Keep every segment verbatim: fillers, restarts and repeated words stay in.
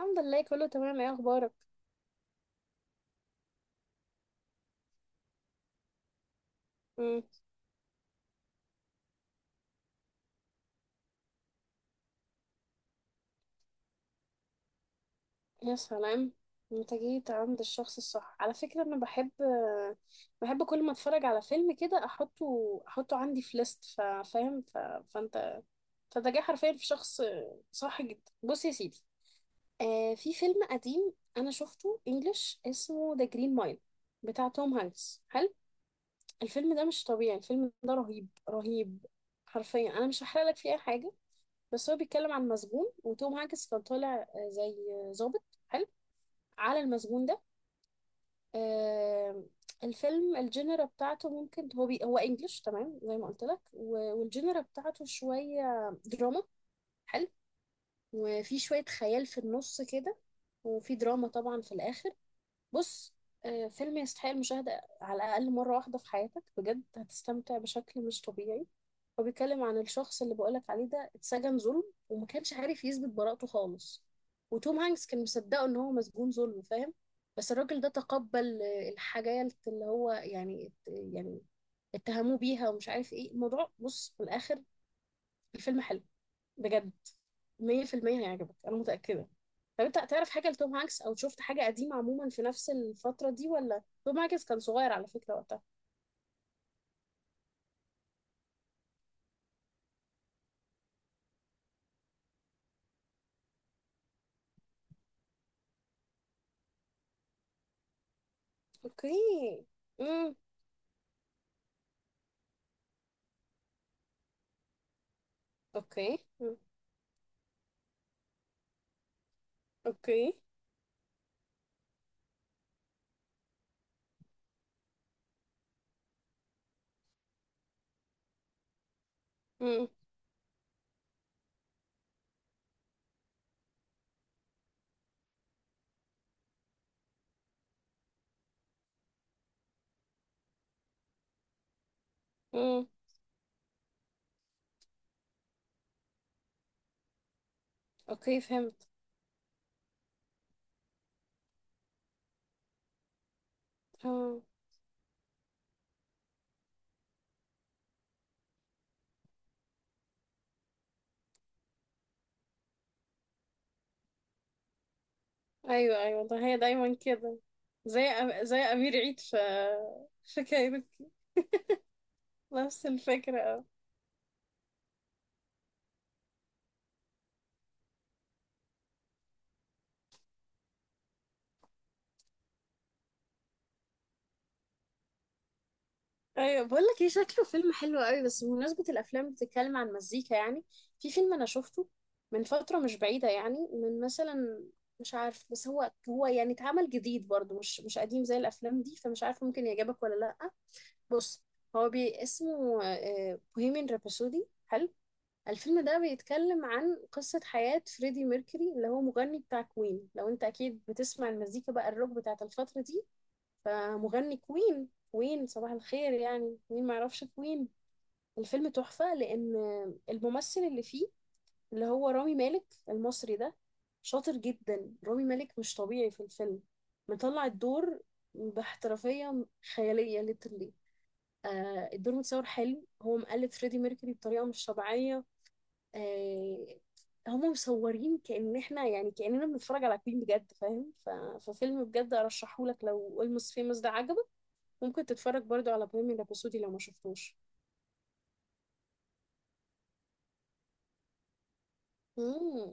الحمد لله، كله تمام. ايه اخبارك؟ امم يا سلام. انت جيت عند الشخص الصح على فكرة. انا بحب، بحب كل ما اتفرج على فيلم كده احطه احطه عندي في ليست، فاهم ف... فانت فانت جاي حرفيا في شخص صح جدا. بص يا سيدي، آه في فيلم قديم انا شفته انجلش اسمه ذا جرين مايل بتاع توم هانكس، حلو. الفيلم ده مش طبيعي، الفيلم ده رهيب رهيب. حرفيا انا مش هحرق لك فيه اي حاجة، بس هو بيتكلم عن مسجون، وتوم هانكس كان طالع آه، زي آه، ضابط حلو على المسجون ده. آه، الفيلم الجينرا بتاعته ممكن هو بي هو انجلش تمام زي ما قلت لك، و- والجينرا بتاعته شوية دراما حلو، وفي شوية خيال في النص كده، وفي دراما طبعا في الآخر. بص، آه، فيلم يستحق المشاهدة على الأقل مرة واحدة في حياتك، بجد هتستمتع بشكل مش طبيعي. هو بيتكلم عن الشخص اللي بقولك عليه ده، اتسجن ظلم وما كانش عارف يثبت براءته خالص، وتوم هانكس كان مصدقه ان هو مسجون ظلم، فاهم؟ بس الراجل ده تقبل آه، الحاجات اللي هو يعني يعني اتهموه بيها، ومش عارف ايه الموضوع. بص في الاخر الفيلم حلو بجد، مية في المية هيعجبك، انا متأكدة. طب انت تعرف حاجة لتوم هانكس او شفت حاجة قديمة عموما في نفس الفترة دي؟ ولا توم هانكس كان صغير على فكرة وقتها. اوكي. امم. اوكي. مم. اوكي. مم. امم. اوكي فهمت. آه. ايوه ايوه والله هي دايما كده. زي أم... زي امير عيد في في كايروكي، نفس الفكره اه. ايوه، بقول لك ايه، شكله فيلم حلو قوي. بس بمناسبه الافلام بتتكلم عن مزيكا يعني، في فيلم انا شفته من فتره مش بعيده، يعني من مثلا، مش عارف، بس هو هو يعني اتعمل جديد برضه، مش مش قديم زي الافلام دي، فمش عارفه ممكن يعجبك ولا لا. بص، هو بي اسمه بوهيمين رابسودي. الفيلم ده بيتكلم عن قصة حياة فريدي ميركوري، اللي هو مغني بتاع كوين. لو انت اكيد بتسمع المزيكا بقى الروك بتاعت الفترة دي، فمغني كوين كوين، صباح الخير يعني، مين معرفش كوين. الفيلم تحفة، لأن الممثل اللي فيه اللي هو رامي مالك المصري ده شاطر جدا. رامي مالك مش طبيعي في الفيلم، مطلع الدور باحترافية خيالية ليترلي. آه الدور متصور حلو، هو مقلد فريدي ميركوري بطريقة مش طبيعية. آه، هما مصورين كأن احنا يعني كأننا بنتفرج على فيلم بجد، فاهم ف... ففيلم بجد ارشحهولك. لو اولموست فيموس ده عجبك، ممكن تتفرج برضو على بوهيميان رابسودي لو ما شفتوش. مم.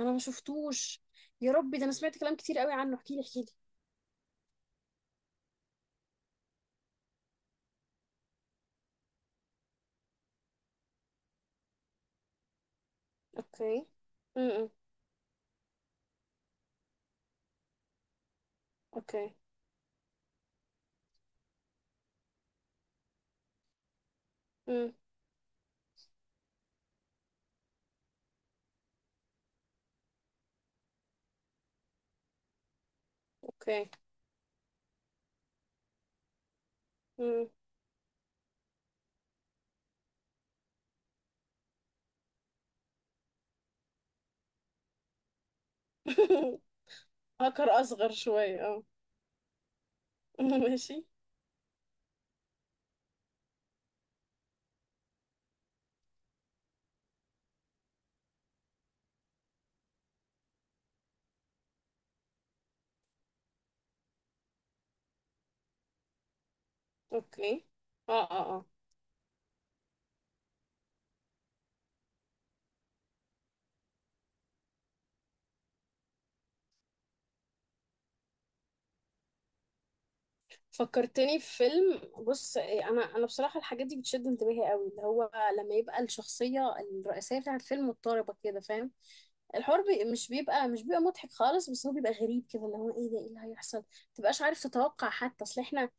انا ما شفتوش، يا ربي، ده انا سمعت كلام كتير قوي عنه. احكي لي احكي لي اوكي. امم. اوكي. امم. اوكي. امم. هاكر اصغر شوية اه. ماشي. اوكي. اه اه، فكرتني في فيلم. بص إيه، انا انا بصراحه الحاجات دي بتشد انتباهي قوي، اللي هو لما يبقى الشخصيه الرئيسيه بتاعت الفيلم مضطربه كده، فاهم؟ الحوار بي مش بيبقى مش بيبقى مضحك خالص، بس هو بيبقى غريب كده، اللي هو ايه ده، ايه اللي هيحصل، متبقاش عارف تتوقع. حتى اصل احنا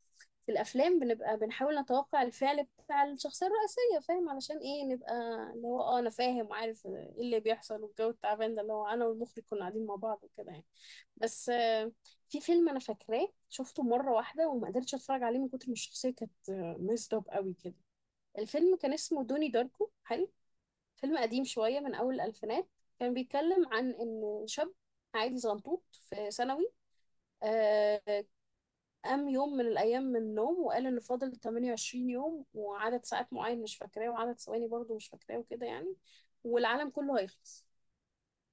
في الافلام بنبقى بنحاول نتوقع الفعل بتاع الشخصيه الرئيسيه، فاهم؟ علشان ايه نبقى اللي هو اه انا فاهم وعارف ايه اللي بيحصل. والجو التعبان ده، اللي هو انا والمخرج كنا قاعدين مع بعض وكده يعني. بس آه، في فيلم انا فاكراه شفته مره واحده وما قدرتش اتفرج عليه من كتر ما الشخصيه كانت ميزد اب قوي كده. الفيلم كان اسمه دوني داركو، حلو. فيلم قديم شويه من اول الالفينات. كان بيتكلم عن ان شاب عادي زنطوط في ثانوي، آه، قام يوم من الأيام من النوم وقال إن فاضل تمانية وعشرين يوم وعدد ساعات معين مش فاكراه وعدد ثواني برضو مش فاكراه وكده يعني، والعالم كله هيخلص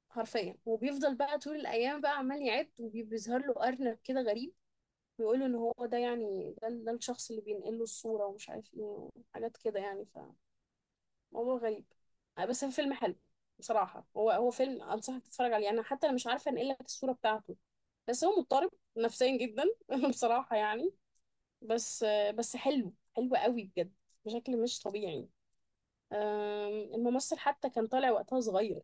حرفيا. وبيفضل بقى طول الأيام بقى عمال يعد، وبيظهر له أرنب كده غريب بيقول إن هو ده يعني ده, ده الشخص اللي بينقل له الصورة ومش عارف إيه، وحاجات كده يعني. فموضوع غريب، آه، بس هو فيلم حلو. بصراحة هو هو فيلم أنصحك تتفرج عليه. أنا حتى أنا مش عارفة أنقل لك الصورة بتاعته، بس هو مضطرب نفسيا جدا. بصراحة يعني، بس بس حلو، حلو قوي بجد، بشكل مش طبيعي. آم، الممثل حتى كان طالع وقتها صغير.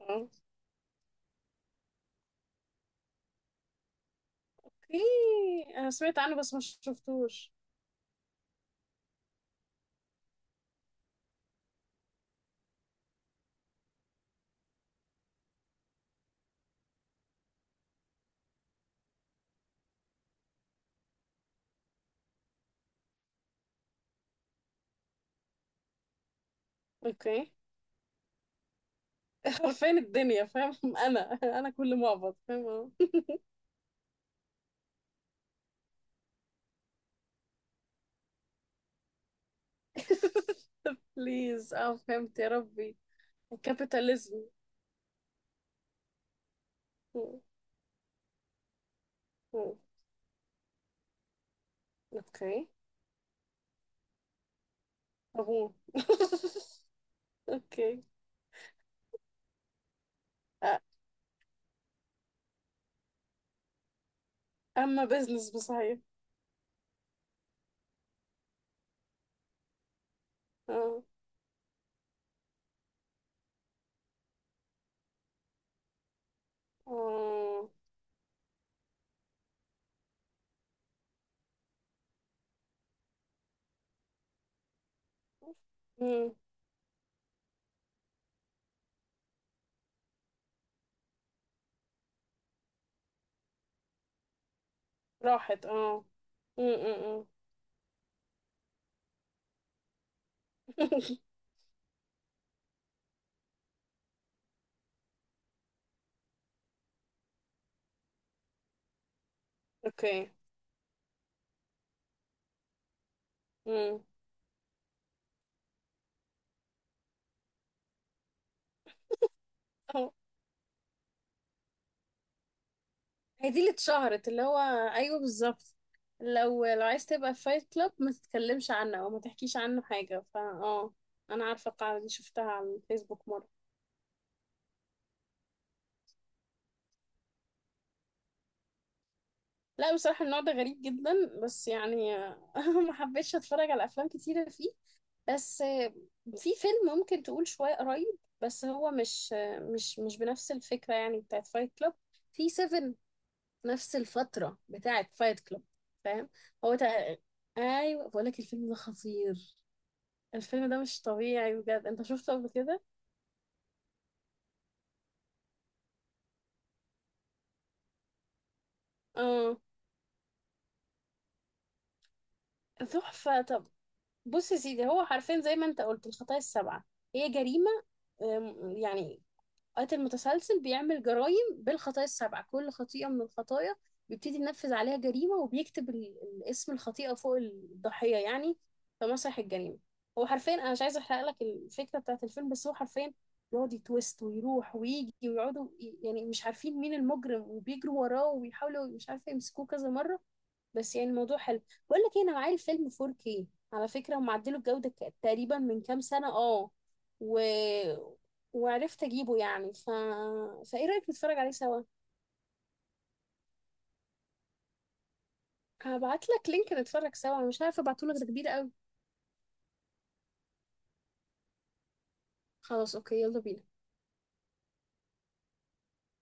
اوكي. انا سمعت عنه بس ما شفتوش. اوكي. فين الدنيا، فاهم؟ انا انا كل معبط، فاهم اه. بليز اه، فهمت، يا ربي. الكابيتاليزم. اوكي. أهو. اوكي. أ- اما بزنس بصحيح. اه اه. مم. راحت اه. مم، مم، مم. اوكي. امم. اهو. هي دي اللي اتشهرت اللي هو، ايوه بالظبط. لو لو عايز تبقى في فايت كلاب ما تتكلمش عنه او ما تحكيش عنه حاجه، فا اه، انا عارفه القاعده دي، شفتها على الفيسبوك مره. لا بصراحه النوع ده غريب جدا، بس يعني آه، ما حبيتش اتفرج على افلام كتيره فيه. بس آه، في فيلم ممكن تقول شويه قريب، بس هو مش آه، مش مش بنفس الفكره يعني بتاعت فايت كلاب. في سبعة، نفس الفترة بتاعت فايت كلوب، فاهم؟ هو تق... ايوه بقول لك، الفيلم ده خطير، الفيلم ده مش طبيعي بجد. انت شفته قبل كده؟ اه. تحفة، طب بص يا سيدي، هو حرفيا زي ما انت قلت الخطايا السبعة، هي جريمة. أم، يعني قاتل متسلسل بيعمل جرائم بالخطايا السبعة، كل خطيئة من الخطايا بيبتدي ينفذ عليها جريمة، وبيكتب ال- ال- اسم الخطيئة فوق الضحية يعني، في مسرح الجريمة. هو حرفيا أنا مش عايزة أحرق لك الفكرة بتاعت الفيلم، بس هو حرفيا يقعد يتويست ويروح ويجي، ويقعدوا ي- يعني مش عارفين مين المجرم، وبيجروا وراه وبيحاولوا مش عارفة يمسكوه كذا مرة. بس يعني الموضوع حلو. بقول لك إيه، انا معايا الفيلم فور كيه، على فكره هم عدلوا الجوده ك- تقريبا من كام سنه اه. و... وعرفت اجيبه يعني ف... فايه رايك نتفرج عليه سوا؟ هبعت لك لينك نتفرج سوا. أنا مش عارفه ابعته لك، ده كبير قوي. خلاص اوكي، يلا بينا.